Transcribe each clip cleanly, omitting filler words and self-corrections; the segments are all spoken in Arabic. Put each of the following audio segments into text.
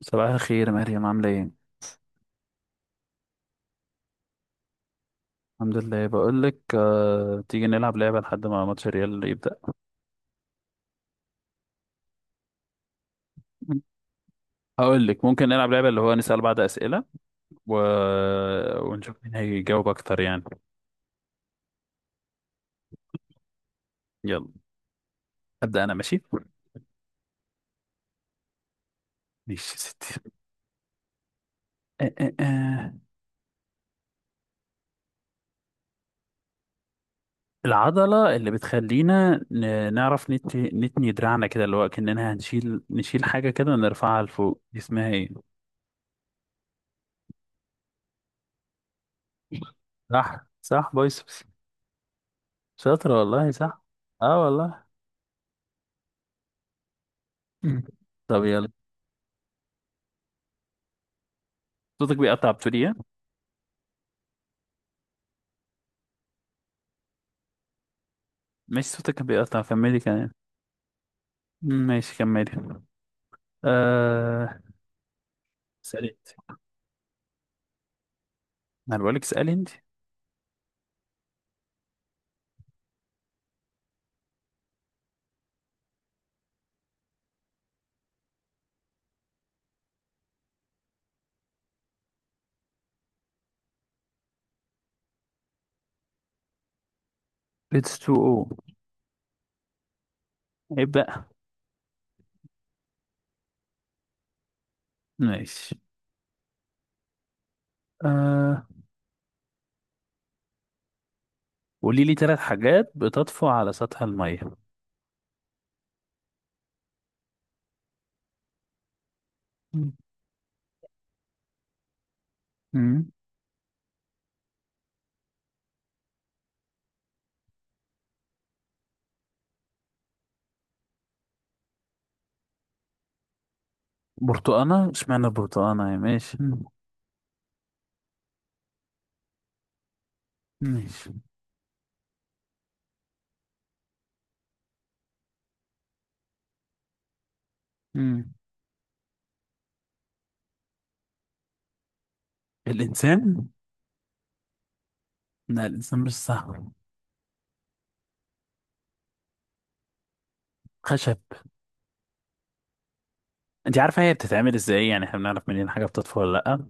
صباح الخير مريم، عاملة ايه؟ الحمد لله. بقولك تيجي نلعب لعبة لحد ما ماتش الريال يبدأ. هقولك ممكن نلعب لعبة اللي هو نسأل بعض أسئلة و... ونشوف مين هيجاوب أكتر يعني. يلا. أبدأ أنا ماشي؟ ماشي يا ستي. آه، آه، آه. العضلة اللي بتخلينا نعرف نتني دراعنا كده، اللي هو كأننا هنشيل نشيل حاجة كده ونرفعها لفوق، دي اسمها ايه؟ صح صح، بايسبس. شاطرة والله، صح. اه والله. طب يلا. صوتك بيقطع، بتقول ايه؟ ماشي. صوتك كان بيقطع، كملي كلام. ماشي كملي. آه. سألت. انا بقولك اسألي انت. اتس تو او. عيب بقى. ماشي. آه، قولي لي ثلاث حاجات بتطفو على سطح المية. مم. مم. برتقانة؟ اشمعنى برتقانة يا ماشي؟ مم. ماشي. مم. الإنسان؟ لا، الإنسان مش صح. خشب. انت عارفة هي بتتعمل ازاي؟ يعني احنا بنعرف منين حاجة بتطفو ولا لأ؟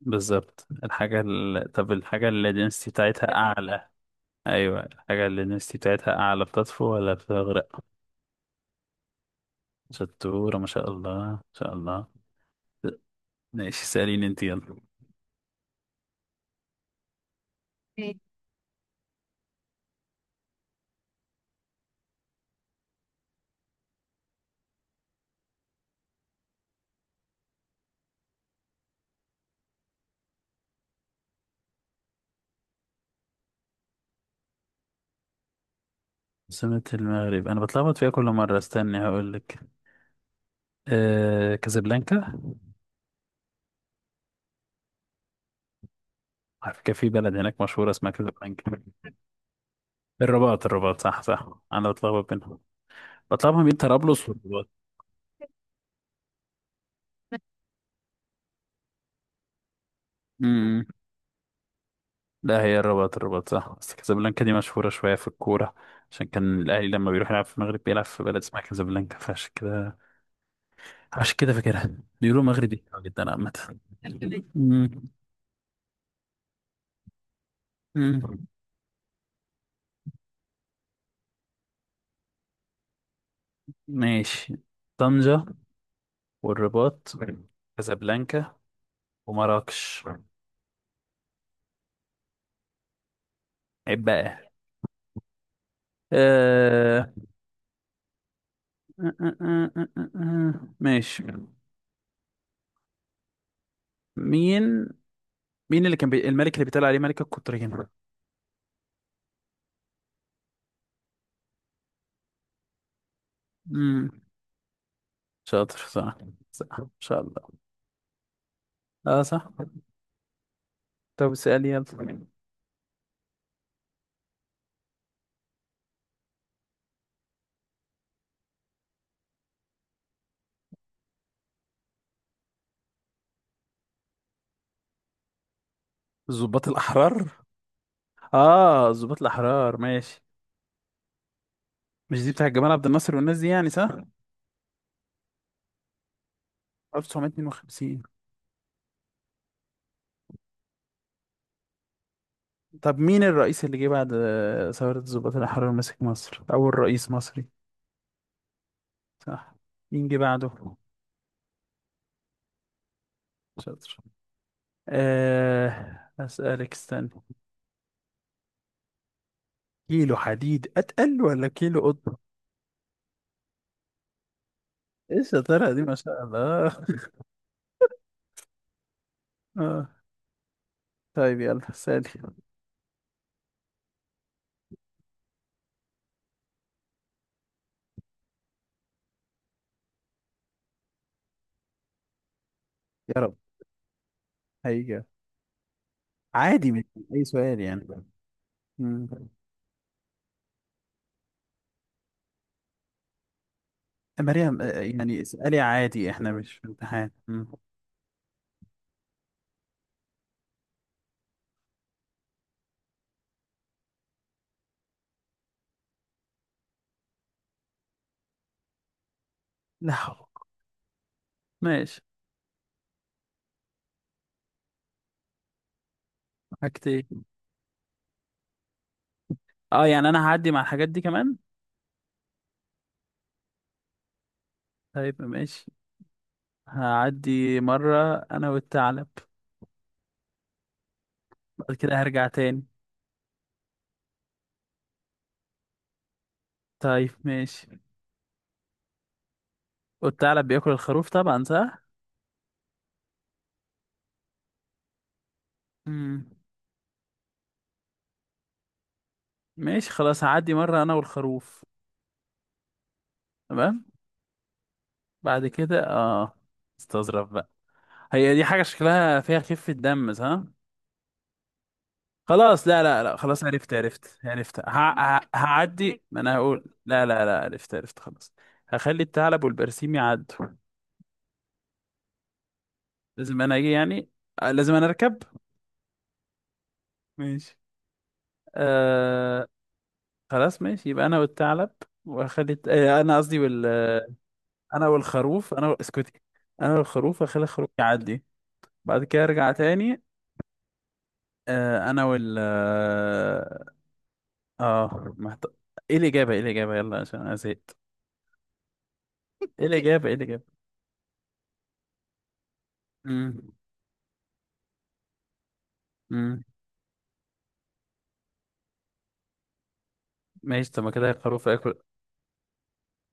بالظبط. الحاجة ال... طب، الحاجة اللي الدنسيتي بتاعتها أعلى. ايوه، الحاجه اللي النسيتي بتاعتها اعلى بتطفو ولا بتغرق؟ شطوره، ما شاء الله ما شاء الله. ماشي، سأليني انت يلا. ماشي. عاصمة المغرب انا بتلخبط فيها كل مره، استني هقول لك. آه، كازابلانكا. على فكره في بلد هناك مشهوره اسمها كازابلانكا. الرباط، الرباط صح صح، انا بتلخبط بينهم. بتلخبط بين طرابلس والرباط. امم لا، هي الرباط، الرباط صح، بس كازابلانكا دي مشهوره شويه في الكوره. عشان كان الاهلي لما بيروح يلعب في المغرب بيلعب في بلد اسمها كازابلانكا، فعشان كده عشان كده فاكرها. بيقولوا مغربي حلو جدا عامة. مم. مم. ماشي. طنجة، والرباط، كازابلانكا، ومراكش. عيب بقى. آه... ماشي. مين مين اللي كان الملك اللي بيتقال عليه ملك القطرين؟ مم. شاطر، صح. صح ان شاء الله. اه صح. طب اسأل يلا. الضباط الأحرار. اه، الضباط الأحرار، ماشي. مش دي بتاع جمال عبد الناصر والناس دي يعني، صح؟ 1952. طب، مين الرئيس اللي جه بعد ثورة الضباط الأحرار، مسك مصر، أول رئيس مصري؟ صح. مين جه بعده؟ شاطر. أه، أسألك، استنى. كيلو حديد أتقل ولا كيلو قطن؟ إيه الشطارة دي، ما شاء الله. آه. طيب يلا سألي. يا رب. هيجي. عادي، من أي سؤال يعني. مم. مريم، يعني اسألي عادي، إحنا مش في امتحان. مم. لا حول. ماشي. حاجتين. اه، يعني انا هعدي مع الحاجات دي كمان. طيب ماشي. هعدي مرة أنا والثعلب. بعد كده هرجع تاني. طيب ماشي. والثعلب بياكل الخروف طبعا، صح؟ مم. ماشي خلاص، هعدي مرة أنا والخروف. تمام. بعد كده استظرف بقى. هي دي حاجة شكلها فيها خفة دم، صح؟ خلاص، لا لا لا، خلاص عرفت عرفت عرفت، هعدي. ما أنا هقول لا لا لا، عرفت عرفت، خلاص. هخلي الثعلب والبرسيم يعدوا. لازم أنا أجي يعني. لازم أنا أركب. ماشي. خلاص ماشي، يبقى انا والثعلب. واخلي انا والخروف، اسكتي. انا والخروف، اخلي الخروف يعدي. بعد كده ارجع تاني. آه، انا وال اه آه، محت... ايه الاجابه، ايه الاجابه، يلا عشان انا زهقت. ايه الاجابه ايه الاجابه. امم امم ماشي. طب ما كده الخروف اكل.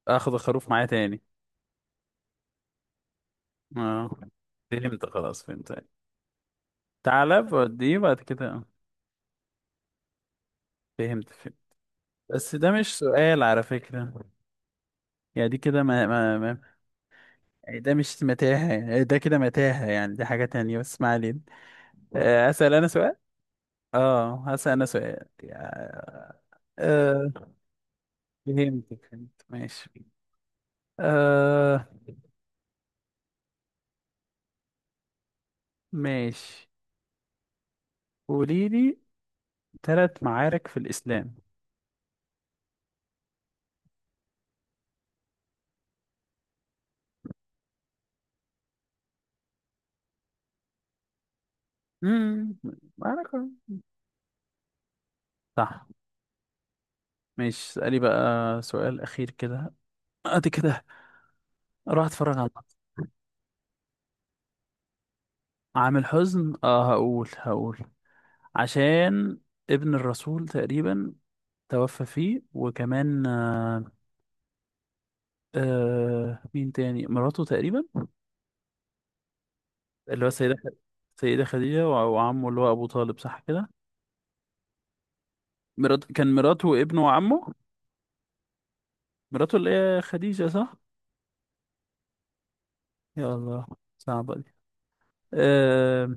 اخد الخروف معايا تاني. اه فهمت، خلاص فهمت. ثعلب واديه بعد كده، فهمت فهمت. بس ده مش سؤال على فكره. يعني دي كده، ما ما يعني ده مش متاهة يعني، ده كده متاهة يعني، دي حاجة تانية بس ما علينا. أسأل أنا سؤال. اه هسأل أنا سؤال آه فهمتك، فهمت، ماشي. آه. ماشي. قولي لي ثلاث معارك في الإسلام. امم معركة. صح. ماشي، اسألي بقى سؤال أخير كده. أدي كده أروح أتفرج على الماتش. عامل حزن. اه، هقول هقول. عشان ابن الرسول تقريبا توفى فيه، وكمان مين تاني، مراته تقريبا. اللي هو سيدة، سيدة خديجة، وعمه اللي هو أبو طالب، صح كده. مرات كان مراته وابنه وعمه. مراته اللي هي خديجة، صح. يا الله، صعبة دي. آه,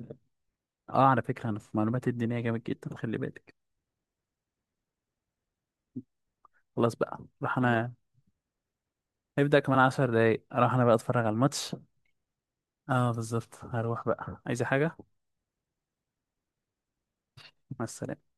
على فكرة أنا في معلومات الدينية جامد جدا، خلي بالك. خلاص بقى، راح أنا. هيبدأ كمان 10 دقايق، أروح أنا بقى أتفرج على الماتش. آه بالظبط، هروح بقى. عايزة حاجة؟ مع السلامة.